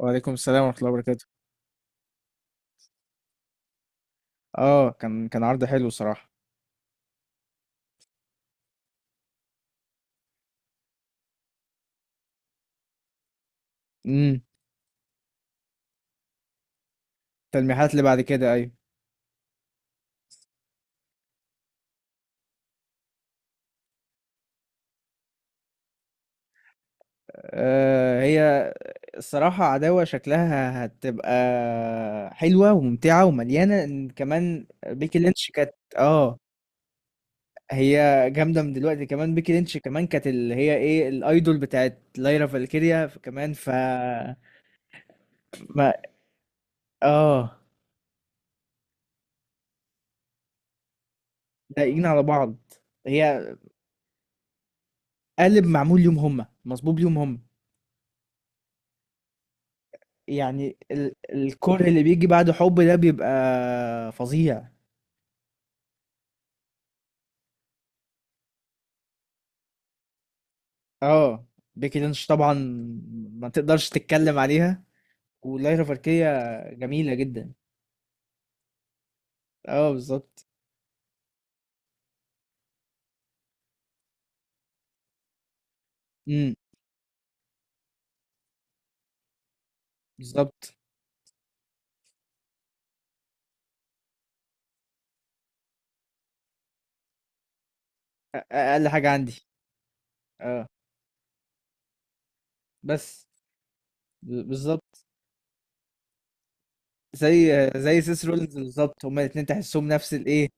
وعليكم السلام ورحمة الله وبركاته. اه، كان عرض حلو صراحة. امم التلميحات اللي بعد كده، ايوه. آه، هي. الصراحة عداوة شكلها هتبقى حلوة وممتعة ومليانة، إن كمان بيكي لينش كانت هي جامدة من دلوقتي. كمان بيكي لينش كمان كانت اللي هي ايه، الايدول بتاعت لايرا فالكيريا كمان. ف ما اه لايقين على بعض. هي قالب معمول ليهم هما، مصبوب ليهم هما. يعني الكره اللي بيجي بعد حب ده بيبقى فظيع. اه، بيكي لينش طبعا ما تقدرش تتكلم عليها، وليلى فاركية جميلة جدا. اه بالظبط. امم بالظبط. اقل حاجة عندي. اه بس. بالظبط. زي زي سيس رولينز بالظبط، هما الاتنين تحسهم نفس الايه،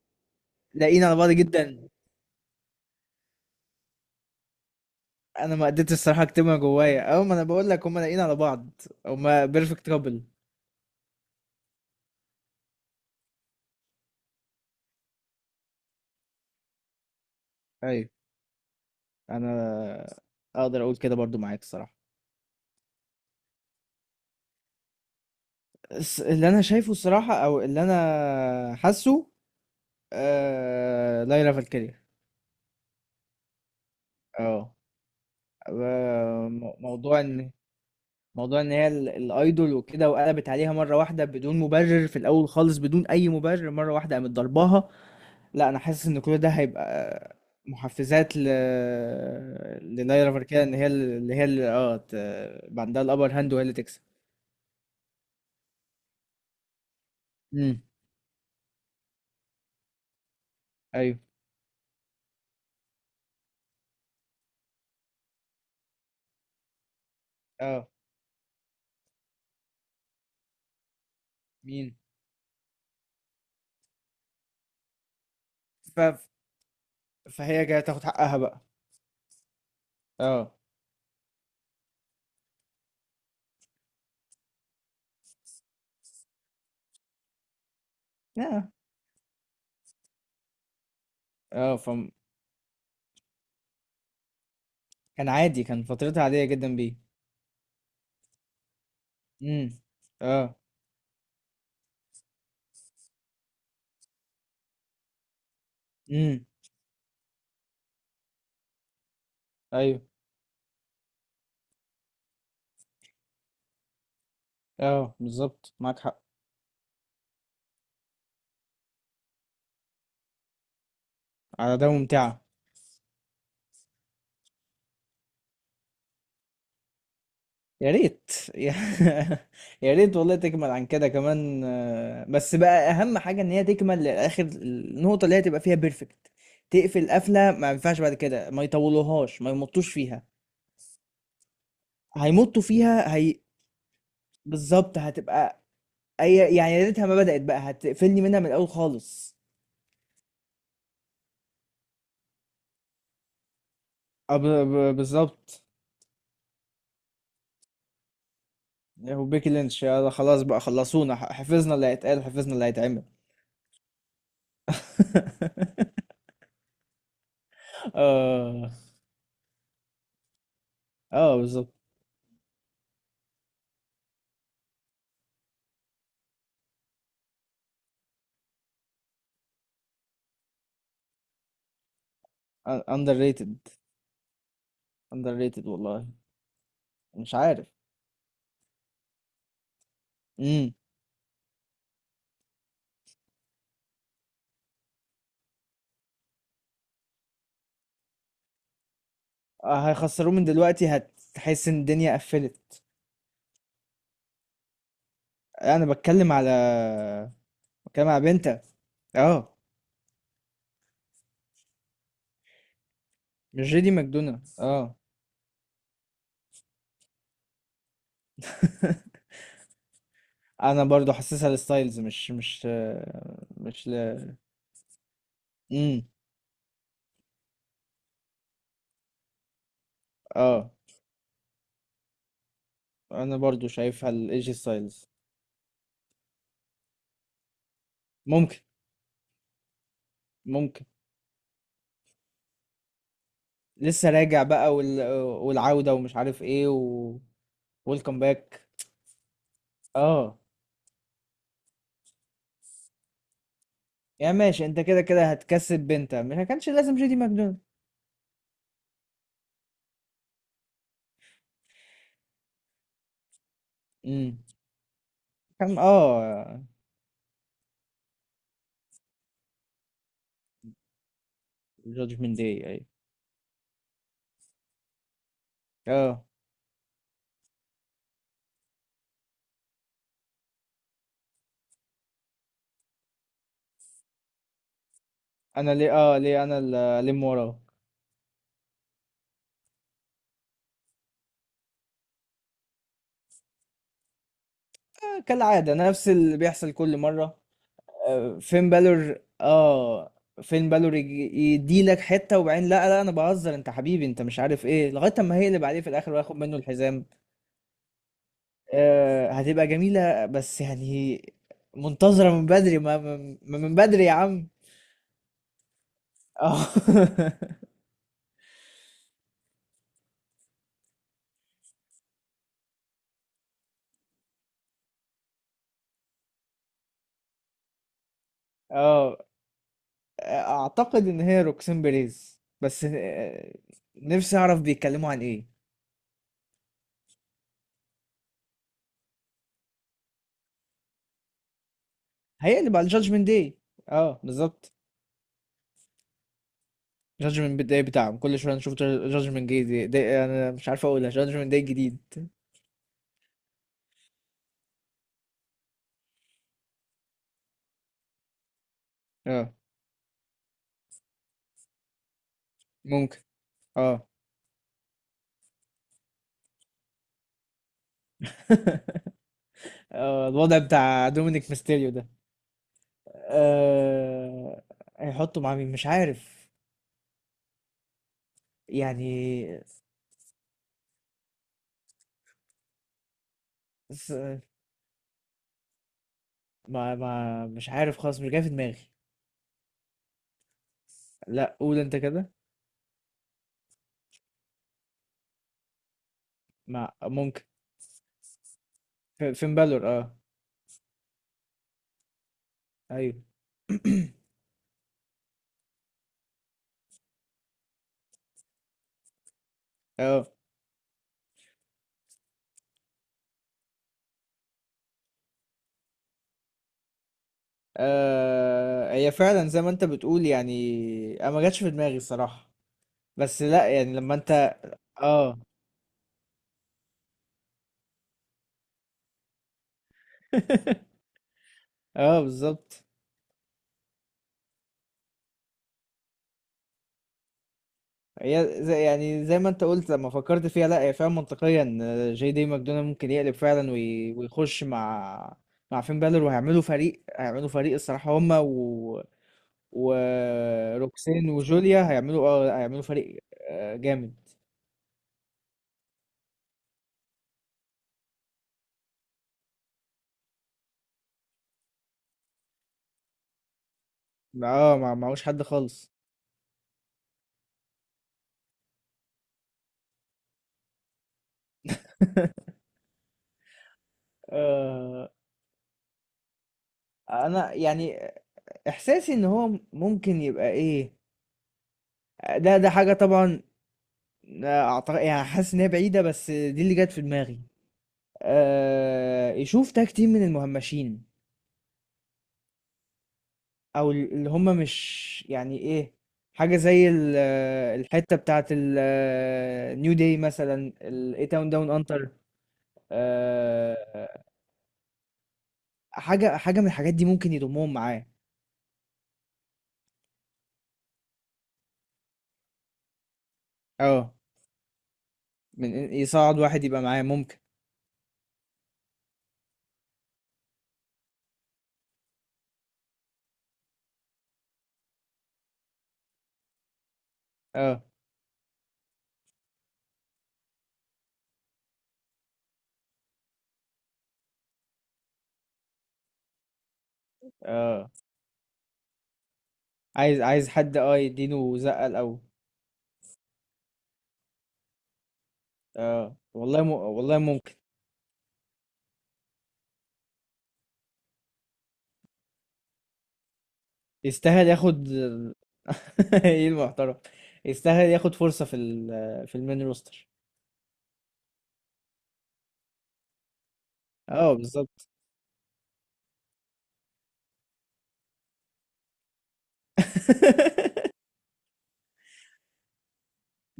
لاقيين على بعض جدا. انا ما قدرتش الصراحة اكتبها جوايا. اه، ما انا بقول لك هما لاقيين على بعض، هما بيرفكت كابل. انا اقدر اقول كده برضو معاك الصراحه. بس اللي انا شايفه الصراحه، او اللي انا حاسه، ليلى فالكيريا. اه. موضوع ان. موضوع ان هي الايدول وكده، وقلبت عليها مره واحده بدون مبرر، في الاول خالص بدون اي مبرر، مره واحده قامت ضرباها. لا، انا حاسس ان كل ده هيبقى محفزات لليلى فالكيريا، ان هي يبقى عندها الابر هاند وهي اللي تكسب. امم ايوه اه. مين؟ ففي فهي جاية تاخد حقها بقى. اه اه اه، كان عادي. كان فترتها عادية جدا بيه. امم اه. امم ايوه اه بالظبط، معاك حق. على ده ممتعة. يا ريت يا ريت والله تكمل عن كده كمان. آه، بس بقى اهم حاجة ان هي تكمل للاخر، النقطة اللي هي تبقى فيها بيرفكت. تقفل قفلة، ما ينفعش بعد كده ما يطولوهاش، ما يمطوش فيها. هيمطوا فيها هي. بالظبط هتبقى. يعني يا ريتها ما بدأت، بقى هتقفلني منها من الاول خالص. بالظبط. وبيكي لينش، يلا خلاص بقى خلصونا. حفظنا اللي هيتقال، حفظنا اللي هيتعمل. اه. اه بالظبط. اندر ريتد، اندر ريتد والله. مش عارف. امم آه، هيخسروه من دلوقتي، هتحس ان الدنيا قفلت. انا بتكلم على بنتا. اه، مش جيدي ماكدونا. اه. انا برضو حاسسها للستايلز، مش آه، مش ل... امم اه انا برضو شايفها لايجي ستايلز. ممكن ممكن. لسه راجع بقى والعودة، ومش عارف ايه ويلكم باك. اه يعني ماشي، انت كده كده هتكسب بنتا، مش ما كانش لازم جيدي ماكدونالد. امم كان اه جادجمنت داي اي. اه، انا ليه اه ليه انا اللي الم وراه. آه، كالعادة نفس اللي بيحصل كل مرة. آه، فين بالور اه. فين بالور يدي لك حتة، وبعدين لا لا، انا بهزر، انت حبيبي، انت مش عارف ايه، لغاية اما هيقلب عليه في الاخر وياخد منه الحزام. آه، هتبقى جميلة، بس يعني منتظرة من بدري. ما ما- ما من بدري يا عم. اه. اه، اعتقد ان هي روكسين بيريز، بس آه، نفسي اعرف بيتكلموا عن ايه. هيقلب على جادجمنت داي. اه بالظبط. جادجمنت داي بتاعهم كل شوية، نشوف جادجمنت داي دي. انا مش عارف اقولها جادجمنت داي جديد. اه ممكن. اه آه، الوضع بتاع دومينيك ميستيريو ده. آه، هيحطوا مع مين، مش عارف. يعني س- ما ما مش عارف خالص، مش جاي في دماغي. لا، قول انت كده. ما ممكن. فين بالور اه. ايوه اه. آه، هي فعلا زي ما انت بتقول، يعني انا ما جاتش في دماغي الصراحة. بس لا، يعني لما انت اه. اه بالظبط. هي زي، يعني زي ما انت قلت، لما فكرت فيها لا، هي فعلا منطقية ان جي دي ماكدونالد ممكن يقلب فعلا، ويخش مع مع فين بالور، وهيعملوا فريق هيعملوا فريق الصراحة، هما وروكسين وجوليا هيعملوا فريق. آه، جامد. اه، ما معهوش حد خالص. آه، انا يعني احساسي ان هو ممكن يبقى ايه. ده حاجه طبعا اعتقد. يعني حاسس ان هي بعيده، بس دي اللي جت في دماغي. آه، يشوف تاج تيم من المهمشين، او اللي هم مش يعني ايه، حاجه زي الحته بتاعت النيو داي مثلا، الاي تاون داون انتر. حاجة من الحاجات دي، ممكن يضمهم معاه. اه، من يصعد واحد يبقى معاه، ممكن. اه اه، عايز حد اه يديله زقة الأول. اه والله والله ممكن. يستاهل ياخد ايه المحترم. يستاهل ياخد فرصة في المين روستر. اه بالظبط.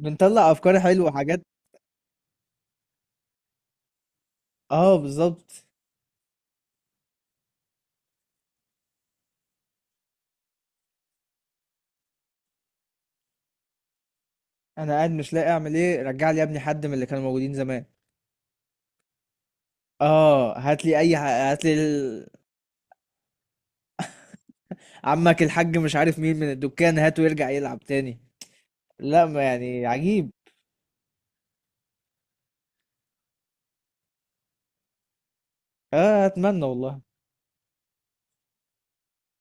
بنطلع افكار حلوة وحاجات. اه بالظبط. انا قاعد مش لاقي اعمل ايه، رجع لي يا ابني حد من اللي كانوا موجودين زمان. اه، هات لي. عمك الحاج مش عارف مين، من الدكان هاته يرجع يلعب تاني. لا، ما يعني عجيب. اه، اتمنى والله.